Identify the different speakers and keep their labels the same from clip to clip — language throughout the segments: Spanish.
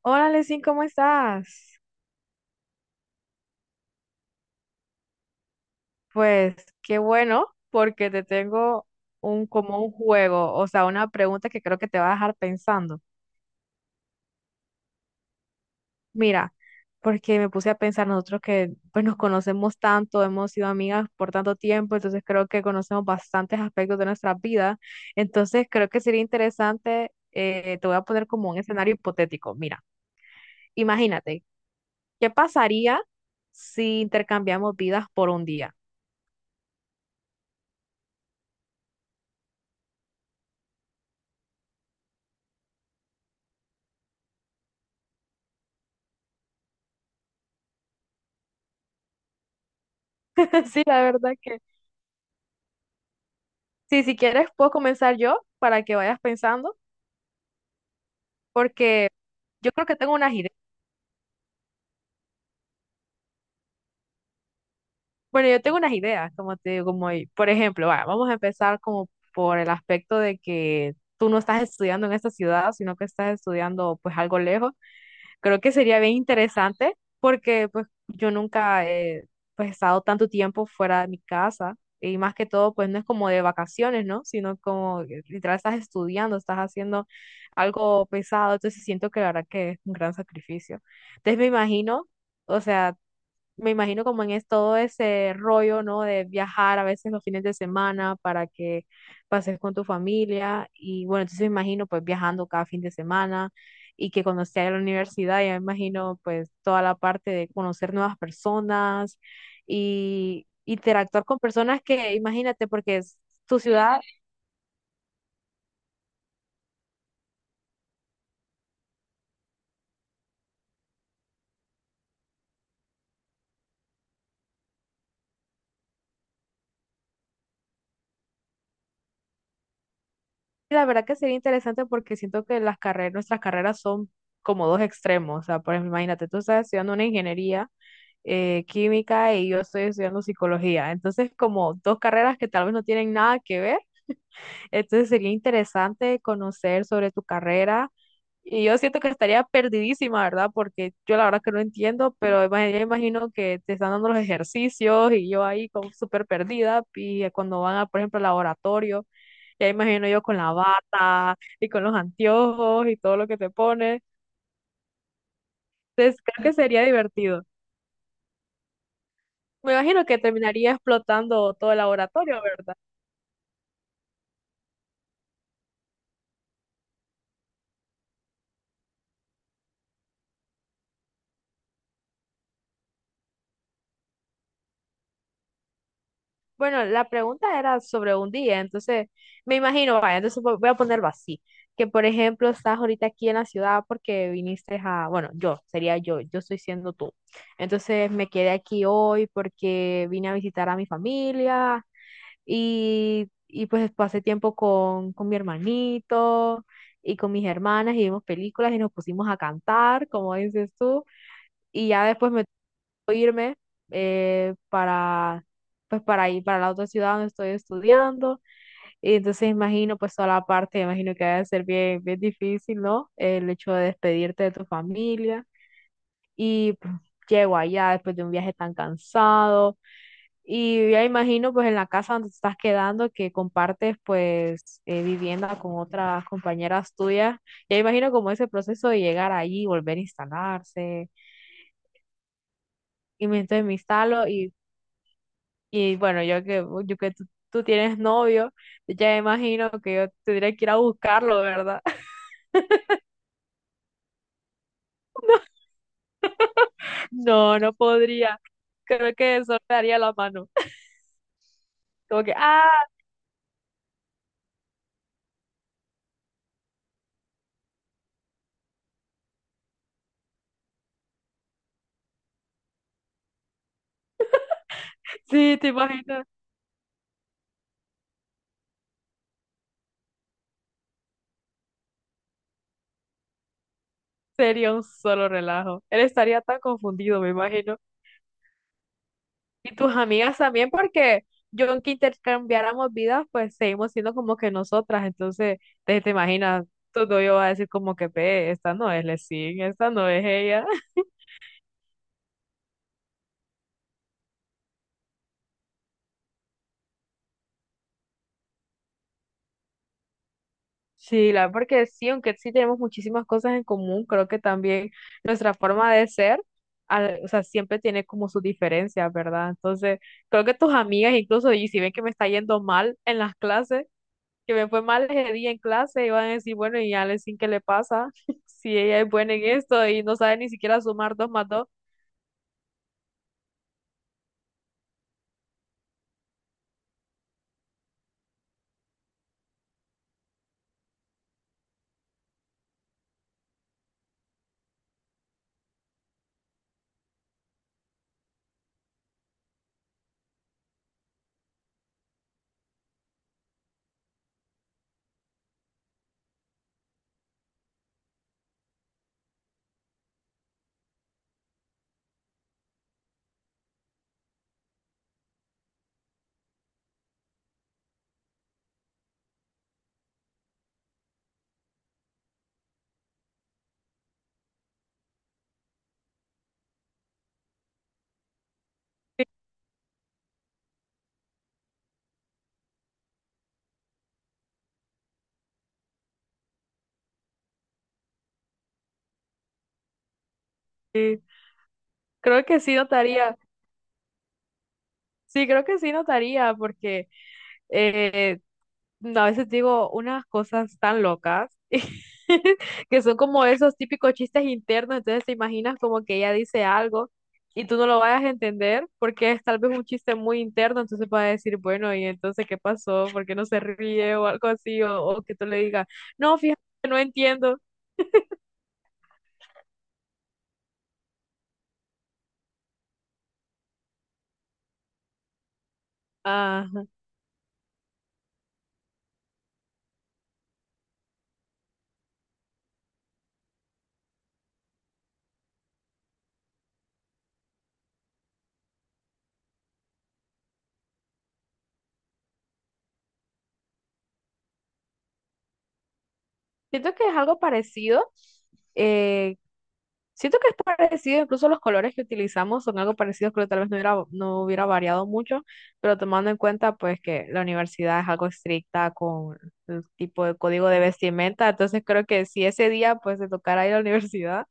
Speaker 1: Hola, Lesin, ¿cómo estás? Pues qué bueno, porque te tengo un como un juego, o sea, una pregunta que creo que te va a dejar pensando. Mira, porque me puse a pensar nosotros que pues nos conocemos tanto, hemos sido amigas por tanto tiempo, entonces creo que conocemos bastantes aspectos de nuestra vida. Entonces creo que sería interesante, te voy a poner como un escenario hipotético. Mira, imagínate, ¿qué pasaría si intercambiamos vidas por un día? Sí, la verdad que sí, si quieres puedo comenzar yo para que vayas pensando, porque yo creo que tengo unas ideas. Bueno, yo tengo unas ideas, como te digo, como por ejemplo, va, vamos a empezar como por el aspecto de que tú no estás estudiando en esta ciudad, sino que estás estudiando pues algo lejos. Creo que sería bien interesante porque pues yo nunca he pues, estado tanto tiempo fuera de mi casa y más que todo pues no es como de vacaciones, ¿no? Sino como que literal estás estudiando, estás haciendo algo pesado, entonces siento que la verdad que es un gran sacrificio. Entonces me imagino, o sea, me imagino como en es todo ese rollo, ¿no? De viajar a veces los fines de semana para que pases con tu familia. Y bueno, entonces me imagino pues viajando cada fin de semana y que cuando esté en la universidad, ya me imagino pues toda la parte de conocer nuevas personas y interactuar con personas que, imagínate, porque es tu ciudad, la verdad que sería interesante porque siento que las carreras, nuestras carreras son como dos extremos. O sea, por ejemplo, imagínate, tú estás estudiando una ingeniería química y yo estoy estudiando psicología. Entonces, como dos carreras que tal vez no tienen nada que ver, entonces sería interesante conocer sobre tu carrera. Y yo siento que estaría perdidísima, ¿verdad? Porque yo la verdad que no entiendo, pero yo imagino que te están dando los ejercicios y yo ahí como súper perdida. Y cuando van a, por ejemplo, al laboratorio, ya imagino yo con la bata y con los anteojos y todo lo que te pones. Entonces, creo que sería divertido. Me imagino que terminaría explotando todo el laboratorio, ¿verdad? Bueno, la pregunta era sobre un día, entonces me imagino, vaya, entonces voy a ponerlo así, que por ejemplo estás ahorita aquí en la ciudad porque viniste a, bueno, yo, sería yo, yo estoy siendo tú. Entonces me quedé aquí hoy porque vine a visitar a mi familia y pues pasé tiempo con mi hermanito y con mis hermanas y vimos películas y nos pusimos a cantar, como dices tú. Y ya después me tocó irme para, pues para ir para la otra ciudad donde estoy estudiando. Y entonces imagino pues toda la parte, imagino que debe ser bien, bien difícil, ¿no? El hecho de despedirte de tu familia y pues, llego allá después de un viaje tan cansado. Y ya imagino pues en la casa donde te estás quedando que compartes pues vivienda con otras compañeras tuyas. Ya imagino como ese proceso de llegar allí, volver a instalarse. Y entonces me instalo. Y bueno, yo que tú tienes novio, ya imagino que yo tendría que ir a buscarlo, ¿verdad? No, no podría. Creo que eso me daría la mano. Como que, ah, sí, te imaginas. Sería un solo relajo. Él estaría tan confundido, me imagino. Y tus amigas también, porque yo aunque intercambiáramos vidas, pues seguimos siendo como que nosotras. Entonces, te imaginas, todo yo va a decir como que, ve, esta no es Lesin, esta no es ella. Sí, la verdad, porque sí, aunque sí tenemos muchísimas cosas en común, creo que también nuestra forma de ser, o sea, siempre tiene como sus diferencias, ¿verdad? Entonces, creo que tus amigas incluso, y si ven que me está yendo mal en las clases, que me fue mal ese día en clase, y van a decir, bueno, y Alexin, ¿qué le pasa? Si ella es buena en esto y no sabe ni siquiera sumar dos más dos. Sí, creo que sí notaría, sí, creo que sí notaría, porque eh, no, a veces digo unas cosas tan locas que son como esos típicos chistes internos, entonces te imaginas como que ella dice algo y tú no lo vayas a entender porque es tal vez un chiste muy interno, entonces vas a decir, bueno, ¿y entonces qué pasó? ¿Por qué no se ríe o algo así? O que tú le digas, no, fíjate, no entiendo. Ajá. Siento que es algo parecido. eh, Siento que es parecido, incluso los colores que utilizamos son algo parecidos, creo que tal vez no hubiera variado mucho, pero tomando en cuenta pues que la universidad es algo estricta con el tipo de código de vestimenta, entonces creo que si ese día pues te tocara ir a la universidad,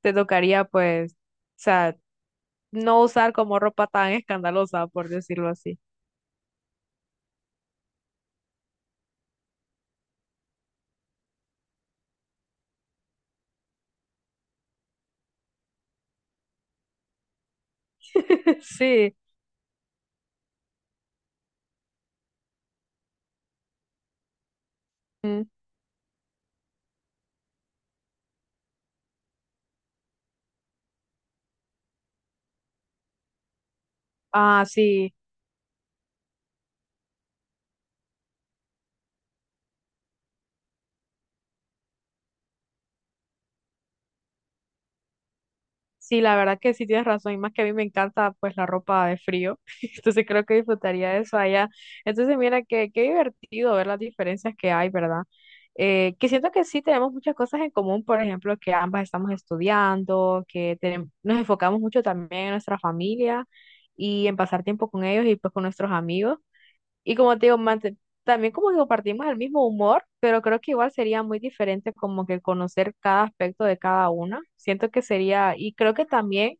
Speaker 1: te tocaría pues, o sea, no usar como ropa tan escandalosa, por decirlo así. Sí. Mm. Ah, sí. Sí, la verdad que sí tienes razón, y más que a mí me encanta pues la ropa de frío, entonces creo que disfrutaría de eso allá. Entonces mira qué qué divertido ver las diferencias que hay, ¿verdad? Que siento que sí tenemos muchas cosas en común, por ejemplo, que ambas estamos estudiando, que nos enfocamos mucho también en nuestra familia y en pasar tiempo con ellos y pues con nuestros amigos. Y como te digo, también como que compartimos el mismo humor, pero creo que igual sería muy diferente como que conocer cada aspecto de cada una. Siento que sería, y creo que también,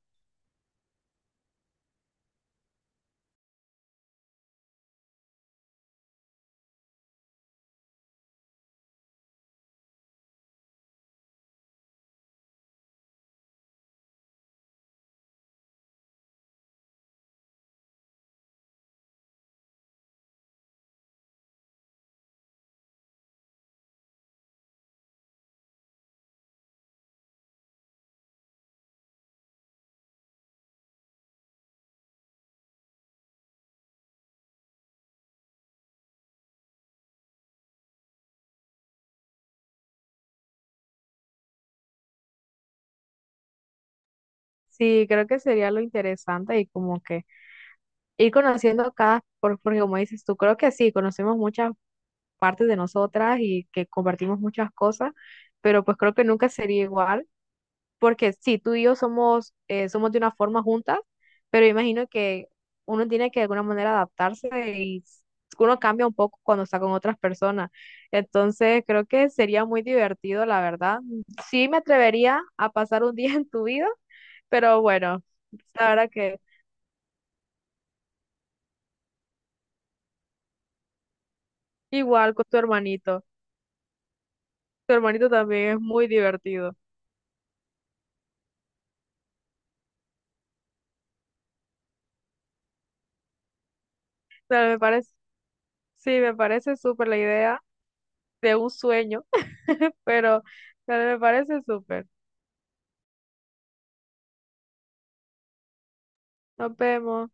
Speaker 1: sí, creo que sería lo interesante y como que ir conociendo cada, porque como dices tú, creo que sí, conocemos muchas partes de nosotras y que compartimos muchas cosas, pero pues creo que nunca sería igual porque sí, tú y yo somos, somos de una forma juntas, pero imagino que uno tiene que de alguna manera adaptarse y uno cambia un poco cuando está con otras personas. Entonces, creo que sería muy divertido, la verdad. Sí me atrevería a pasar un día en tu vida, pero bueno, la verdad que igual con tu hermanito. Tu hermanito también es muy divertido. O me parece, sí, me parece súper la idea de un sueño, pero, pero me parece súper. Nos vemos.